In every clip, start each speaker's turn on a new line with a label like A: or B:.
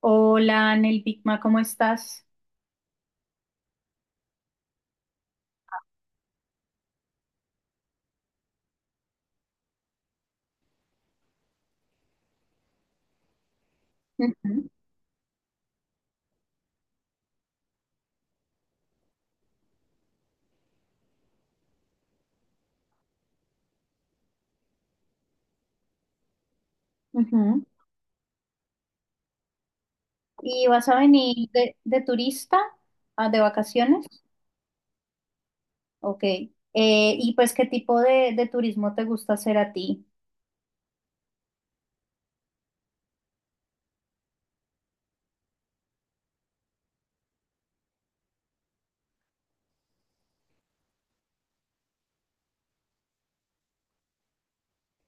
A: Hola, Anel Bigma, ¿cómo estás? Ujú, ujú. ¿Y vas a venir de turista, ah, de vacaciones? Ok. ¿Y pues qué tipo de turismo te gusta hacer a ti?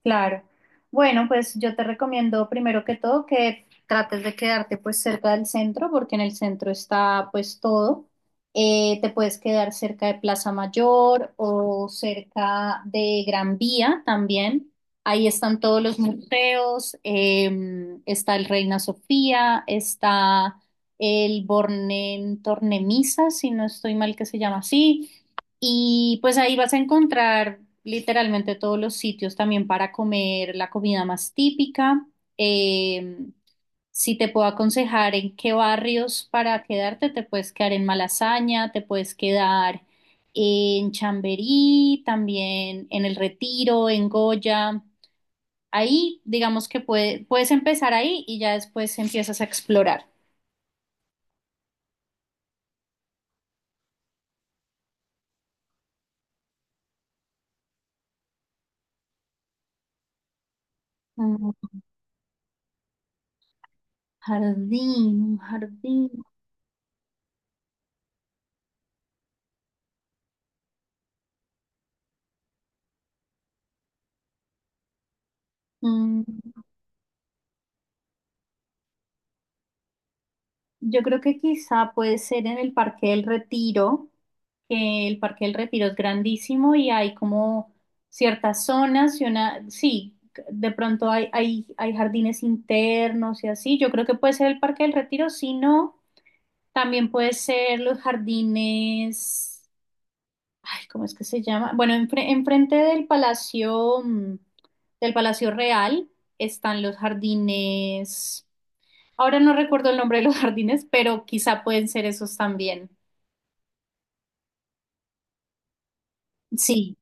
A: Claro. Bueno, pues yo te recomiendo primero que todo que trates de quedarte pues cerca del centro, porque en el centro está pues todo. Te puedes quedar cerca de Plaza Mayor o cerca de Gran Vía también. Ahí están todos los museos, está el Reina Sofía, está el Born en Tornemisa, si no estoy mal que se llama así. Y pues ahí vas a encontrar literalmente todos los sitios también para comer la comida más típica. Eh, si te puedo aconsejar en qué barrios para quedarte, te puedes quedar en Malasaña, te puedes quedar en Chamberí, también en El Retiro, en Goya. Ahí, digamos que puedes empezar ahí y ya después empiezas a explorar. Un jardín, un jardín. Yo creo que quizá puede ser en el Parque del Retiro, que el Parque del Retiro es grandísimo y hay como ciertas zonas y una, sí, de pronto hay, hay jardines internos y así. Yo creo que puede ser el Parque del Retiro, si no, también puede ser los jardines, ay, ¿cómo es que se llama? Bueno, enfrente del Palacio, del Palacio Real están los jardines. Ahora no recuerdo el nombre de los jardines, pero quizá pueden ser esos también. Sí.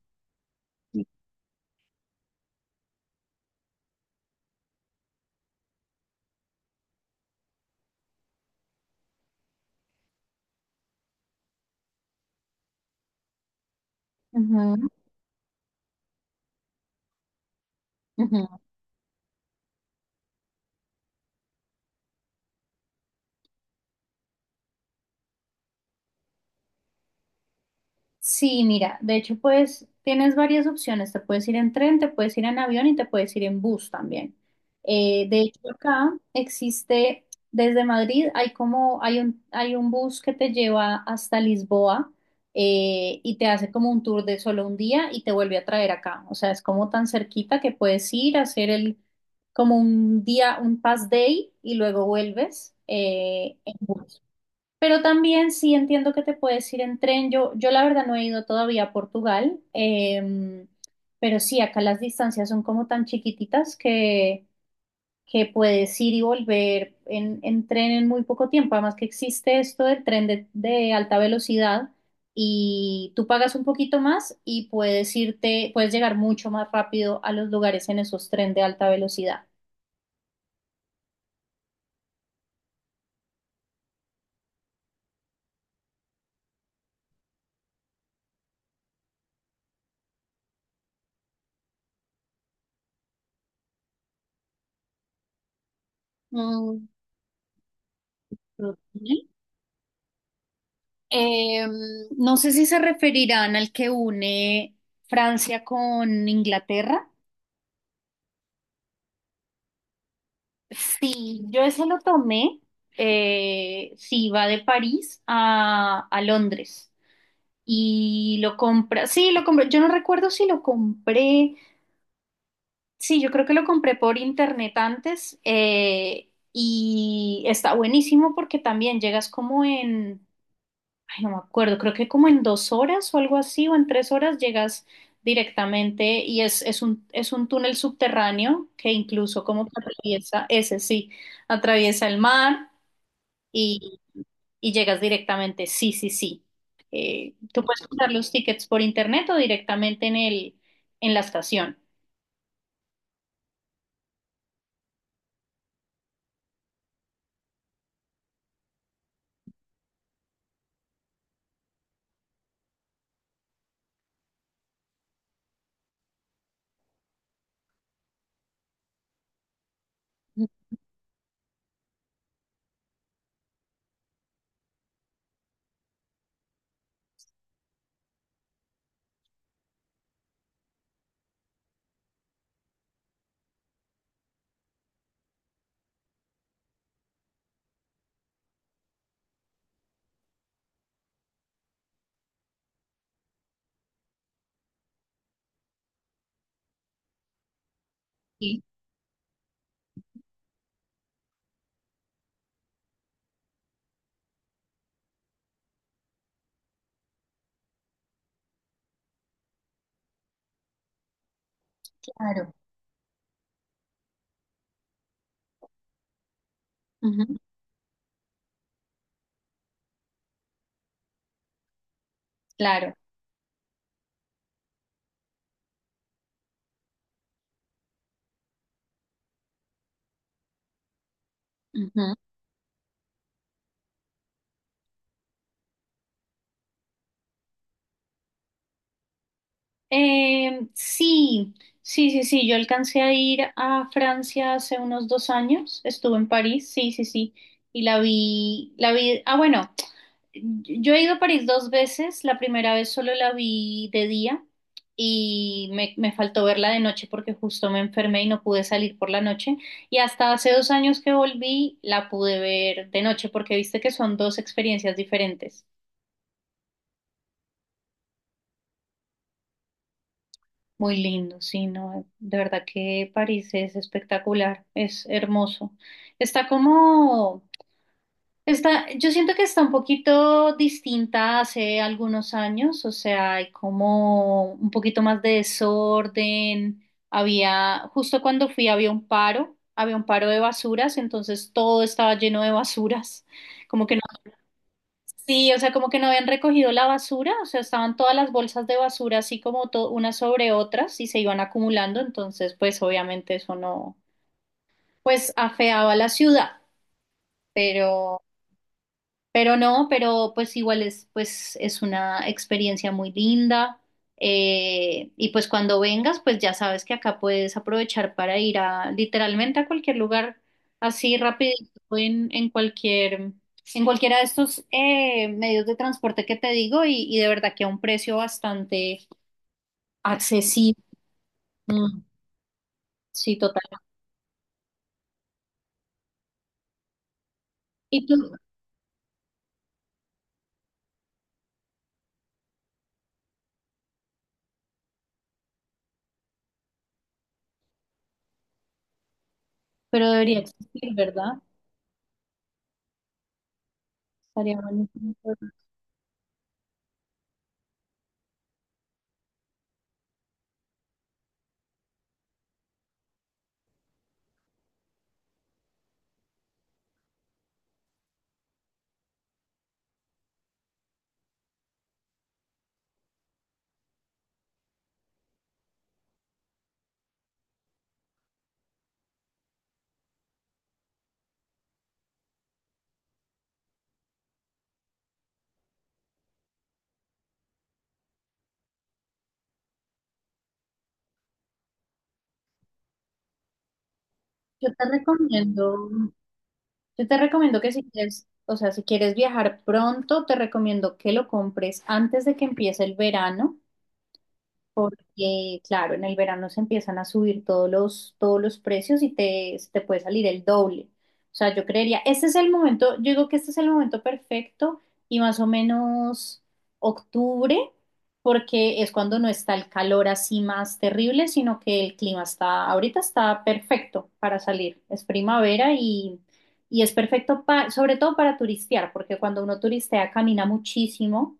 A: Ujú, ujú. Sí, mira, de hecho, pues tienes varias opciones. Te puedes ir en tren, te puedes ir en avión y te puedes ir en bus también. De hecho, acá existe, desde Madrid hay como, hay un bus que te lleva hasta Lisboa y te hace como un tour de solo un día y te vuelve a traer acá. O sea, es como tan cerquita que puedes ir a hacer el, como un día, un pass day y luego vuelves en bus. Pero también sí entiendo que te puedes ir en tren. Yo la verdad no he ido todavía a Portugal, pero sí, acá las distancias son como tan chiquititas que puedes ir y volver en tren en muy poco tiempo. Además que existe esto del tren de alta velocidad y tú pagas un poquito más y puedes irte, puedes llegar mucho más rápido a los lugares en esos tren de alta velocidad. Mm, ok. Eh, no sé si se referirán al que une Francia con Inglaterra. Sí, yo ese lo tomé. Sí, va de París a Londres y lo compra. Sí, lo compré. Yo no recuerdo si lo compré. Sí, yo creo que lo compré por internet antes y está buenísimo porque también llegas como en ay, no me acuerdo, creo que como en dos horas o algo así, o en tres horas llegas directamente y es un túnel subterráneo que incluso como que atraviesa, ese sí, atraviesa el mar y, y llegas directamente, sí, sí, sí. Tú puedes comprar los tickets por internet o directamente en el, en la estación. Sí, claro. Ujú, claro. Ujú. Sí, sí, sí, sí, yo alcancé a ir a Francia hace unos dos años, estuve en París, sí, sí, sí, y la vi, ah, bueno, yo he ido a París dos veces, la primera vez solo la vi de día y me faltó verla de noche porque justo me enfermé y no pude salir por la noche, y hasta hace dos años que volví la pude ver de noche porque viste que son dos experiencias diferentes. Muy lindo, sí, no, de verdad que París es espectacular, es hermoso. Está como, está, yo siento que está un poquito distinta hace algunos años, o sea, hay como un poquito más de desorden. Había, justo cuando fui había un paro de basuras, entonces todo estaba lleno de basuras, como que sí, o sea, como que no habían recogido la basura, o sea, estaban todas las bolsas de basura así como unas sobre otras y se iban acumulando, entonces pues obviamente eso no, pues afeaba la ciudad, pero... Pero no, pero pues igual es, pues es una experiencia muy linda. Y pues cuando vengas, pues ya sabes que acá puedes aprovechar para ir a literalmente a cualquier lugar así rapidito en cualquier, en cualquiera de estos medios de transporte que te digo y de verdad que a un precio bastante accesible. Mm, sí, total. Y tú, pero debería existir, ¿verdad? Estaría buenísimo. Yo te recomiendo. Yo te recomiendo que si quieres, o sea, si quieres viajar pronto, te recomiendo que lo compres antes de que empiece el verano, porque, claro, en el verano se empiezan a subir todos los precios y te puede salir el doble. O sea, yo creería, este es el momento, yo digo que este es el momento perfecto y más o menos octubre, porque es cuando no está el calor así más terrible, sino que el clima está, ahorita está perfecto para salir. Es primavera y es perfecto sobre todo para turistear, porque cuando uno turistea camina muchísimo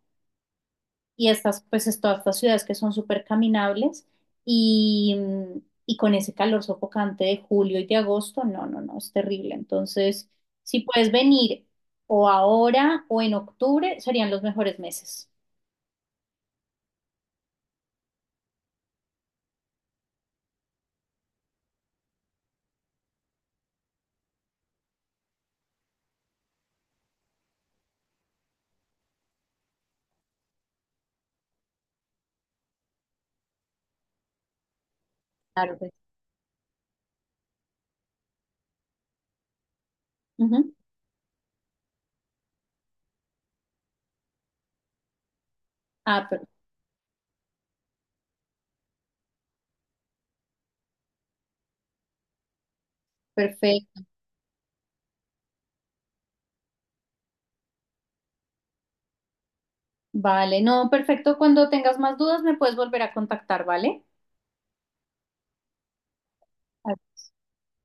A: y estas, pues es todas estas ciudades que son súper caminables y, y con ese calor sofocante de julio y de agosto, no, no, no, es terrible. Entonces, si puedes venir o ahora o en octubre, serían los mejores meses. Claro, pues. Ujú. Ah, per- Perfecto. Vale, no, perfecto. Cuando tengas más dudas, me puedes volver a contactar, ¿vale?